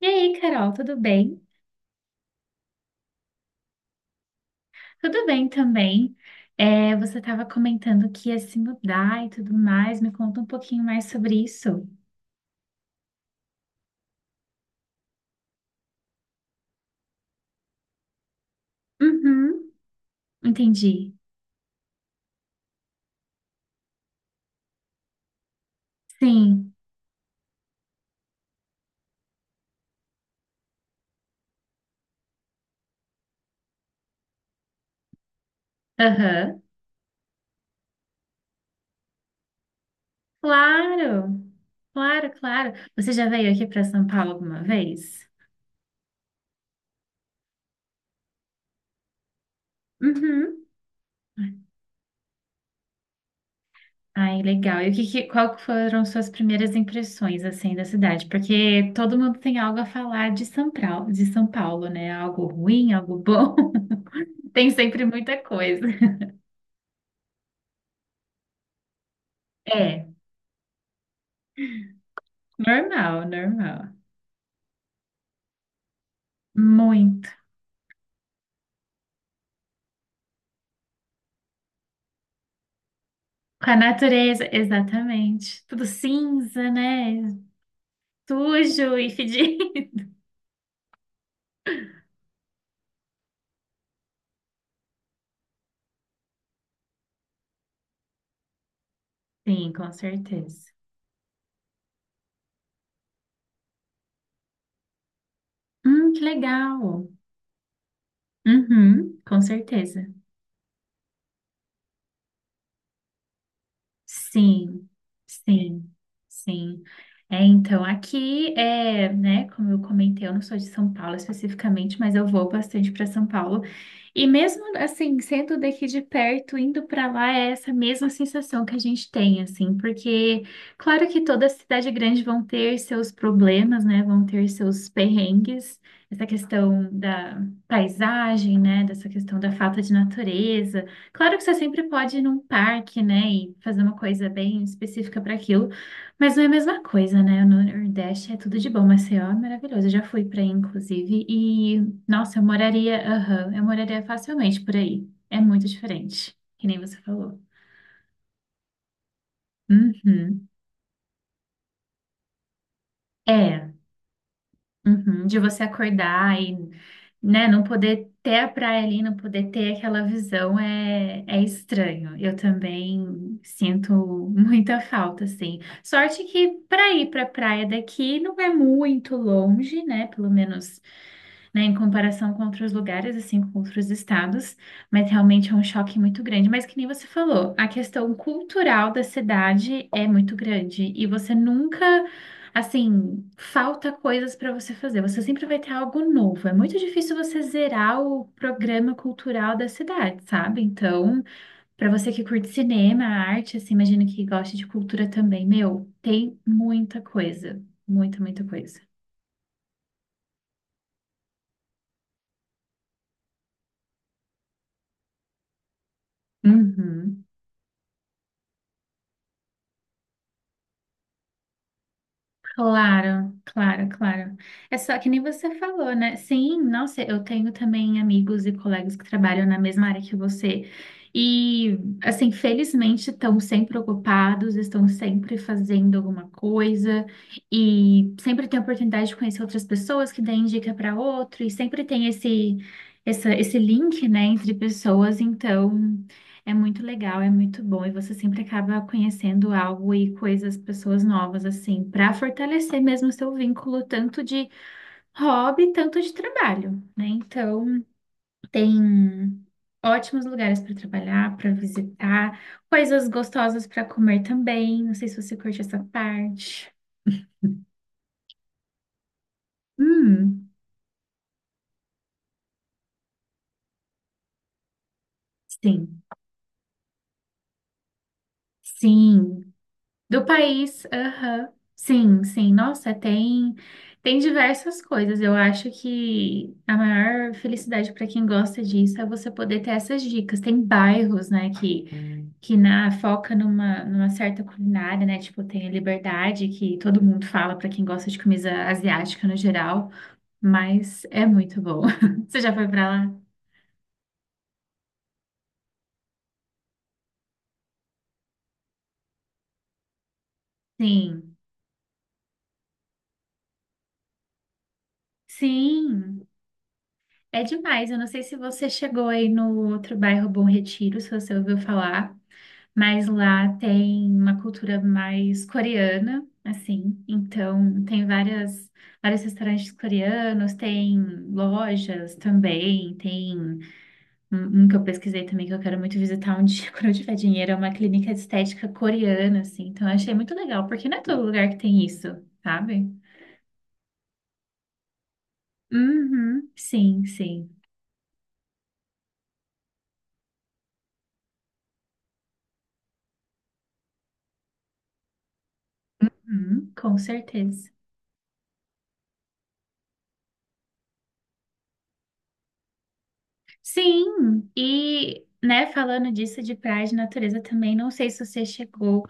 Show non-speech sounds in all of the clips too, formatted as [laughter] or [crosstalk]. E aí, Carol, tudo bem? Tudo bem também. É, você estava comentando que ia se mudar e tudo mais. Me conta um pouquinho mais sobre isso. Uhum, entendi. Sim. Aham. Claro, claro, claro. Você já veio aqui para São Paulo alguma vez? Uhum. Ai, legal. E o que, que, qual que foram suas primeiras impressões, assim, da cidade? Porque todo mundo tem algo a falar de São Paulo, né? Algo ruim, algo bom. [laughs] Tem sempre muita coisa. [laughs] É, normal, normal. Muito. Com a natureza, exatamente. Tudo cinza, né? Sujo e fedido. [laughs] Sim, com certeza. Que legal. Uhum, com certeza. Sim, sim, sim. É, então, aqui é, né, como eu comentei, eu não sou de São Paulo especificamente, mas eu vou bastante para São Paulo. E mesmo assim, sendo daqui de perto, indo para lá é essa mesma sensação que a gente tem, assim, porque claro que toda cidade grande vão ter seus problemas, né, vão ter seus perrengues, essa questão da paisagem, né, dessa questão da falta de natureza. Claro que você sempre pode ir num parque, né, e fazer uma coisa bem específica para aquilo, mas não é a mesma coisa, né? No Nordeste é tudo de bom, Maceió é maravilhoso. Eu já fui para aí, inclusive, e nossa, eu moraria, aham, eu moraria facilmente por aí. É muito diferente, que nem você falou. Uhum. É. Uhum, de você acordar e, né, não poder ter a praia ali, não poder ter aquela visão é, é estranho. Eu também sinto muita falta, assim. Sorte que para ir para a praia daqui não é muito longe, né? Pelo menos né, em comparação com outros lugares, assim, com outros estados, mas realmente é um choque muito grande. Mas que nem você falou, a questão cultural da cidade é muito grande e você nunca, assim, falta coisas para você fazer. Você sempre vai ter algo novo. É muito difícil você zerar o programa cultural da cidade, sabe? Então, para você que curte cinema, arte, assim, imagino que goste de cultura também, meu, tem muita coisa, muita, muita coisa. Uhum. Claro, claro, claro. É só que nem você falou, né? Sim, nossa, eu tenho também amigos e colegas que trabalham na mesma área que você. E, assim, felizmente estão sempre ocupados, estão sempre fazendo alguma coisa e sempre tem a oportunidade de conhecer outras pessoas que dêem dica para outro e sempre tem esse, essa, esse link, né, entre pessoas. Então. É muito legal, é muito bom, e você sempre acaba conhecendo algo e coisas, pessoas novas, assim, para fortalecer mesmo o seu vínculo, tanto de hobby, tanto de trabalho, né? Então, tem ótimos lugares para trabalhar, para visitar, coisas gostosas para comer também. Não sei se você curte essa parte. Hum, sim, sim, Do país, aham. Sim, sim. Nossa, tem tem diversas coisas. Eu acho que a maior felicidade para quem gosta disso é você poder ter essas dicas. Tem bairros, né, que na foca numa certa culinária, né? Tipo, tem a Liberdade, que todo mundo fala para quem gosta de comida asiática no geral, mas é muito bom. [laughs] Você já foi para lá? Sim. Sim. É demais. Eu não sei se você chegou aí no outro bairro Bom Retiro, se você ouviu falar. Mas lá tem uma cultura mais coreana, assim. Então, tem várias, vários restaurantes coreanos, tem lojas também, tem um que eu pesquisei também que eu quero muito visitar um [laughs] dia quando eu tiver dinheiro, é uma clínica de estética coreana, assim. Então, eu achei muito legal, porque não é todo lugar que tem isso, sabe? Uhum, sim, sim. Uhum, com certeza. Sim, e né, falando disso de praia de natureza também, não sei se você chegou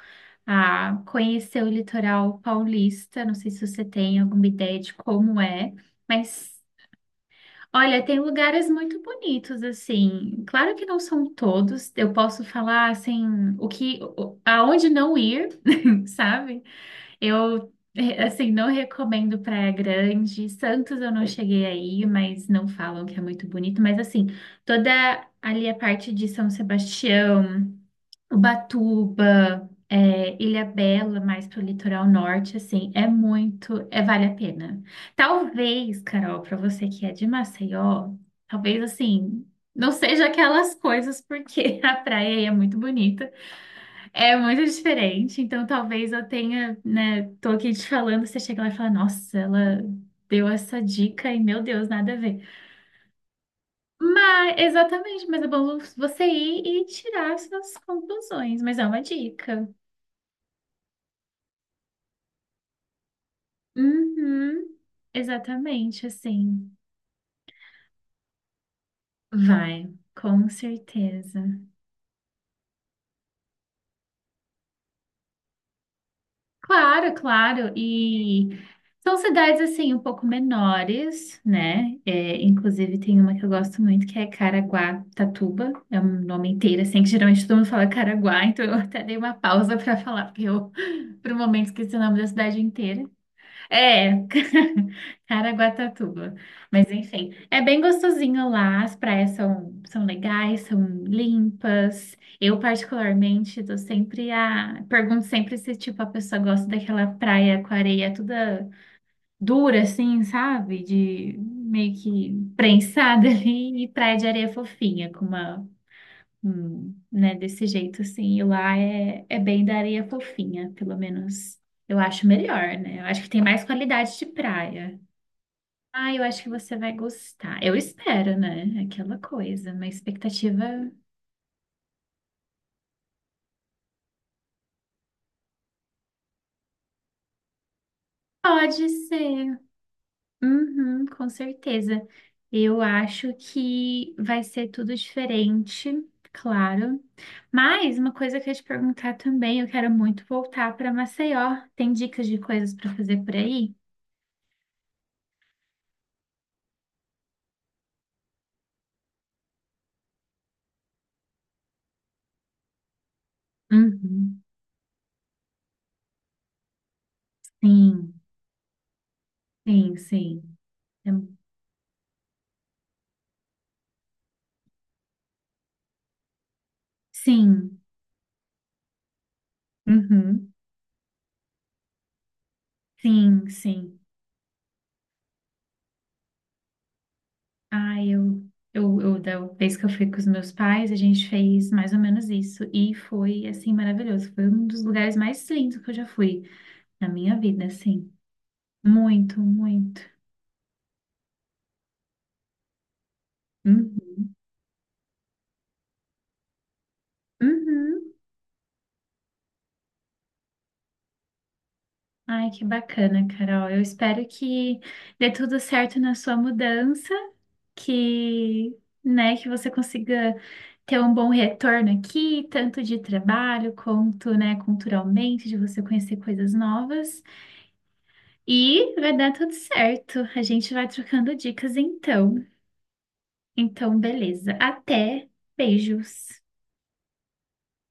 a conhecer o litoral paulista, não sei se você tem alguma ideia de como é, mas olha, tem lugares muito bonitos assim. Claro que não são todos, eu posso falar assim, o que o- aonde não ir, [laughs] sabe? Eu, assim, não recomendo Praia Grande. Santos eu não cheguei aí, mas não falam que é muito bonito. Mas, assim, toda ali a parte de São Sebastião, Ubatuba, Ilha Bela mais pro litoral norte, assim, é muito, é, vale a pena. Talvez, Carol, para você que é de Maceió, talvez, assim, não seja aquelas coisas, porque [laughs] a praia aí é muito bonita. É muito diferente, então talvez eu tenha, né, tô aqui te falando, você chega lá e fala, nossa, ela deu essa dica e, meu Deus, nada a ver. Mas, exatamente, mas é bom você ir e tirar suas conclusões, mas é uma dica. Uhum, exatamente, assim. Vai, com certeza. Claro, claro. E são cidades assim um pouco menores, né? É, inclusive tem uma que eu gosto muito que é Caraguatatuba. É um nome inteiro assim que geralmente todo mundo fala Caraguá, então eu [laughs] até dei uma pausa para falar porque eu [laughs] por um momento esqueci o nome da cidade inteira. É, [laughs] Caraguatatuba. Mas enfim, é bem gostosinho lá, as praias são, são legais, são limpas. Eu, particularmente, tô sempre a. Pergunto sempre se, tipo, a pessoa gosta daquela praia com areia toda dura, assim, sabe? De meio que prensada [laughs] ali, e praia de areia fofinha, com uma né, desse jeito, assim, e lá é, é bem da areia fofinha, pelo menos eu acho melhor, né? Eu acho que tem mais qualidade de praia. Ah, eu acho que você vai gostar. Eu espero, né? Aquela coisa, uma expectativa pode ser. Uhum, com certeza. Eu acho que vai ser tudo diferente, claro. Mas uma coisa que eu ia te perguntar também, eu quero muito voltar para Maceió. Tem dicas de coisas para fazer por aí? Uhum. Sim, sim, sim. É- Sim, uhum, sim, sim. Ah, eu, da vez que eu fui com os meus pais, a gente fez mais ou menos isso. E foi, assim, maravilhoso. Foi um dos lugares mais lindos que eu já fui na minha vida, assim. Muito, muito. Uhum, uhum. Ai, que bacana, Carol. Eu espero que dê tudo certo na sua mudança. Que, né, que você consiga ter um bom retorno aqui, tanto de trabalho quanto, né, culturalmente, de você conhecer coisas novas. E vai dar tudo certo. A gente vai trocando dicas então. Então, beleza. Até. Beijos.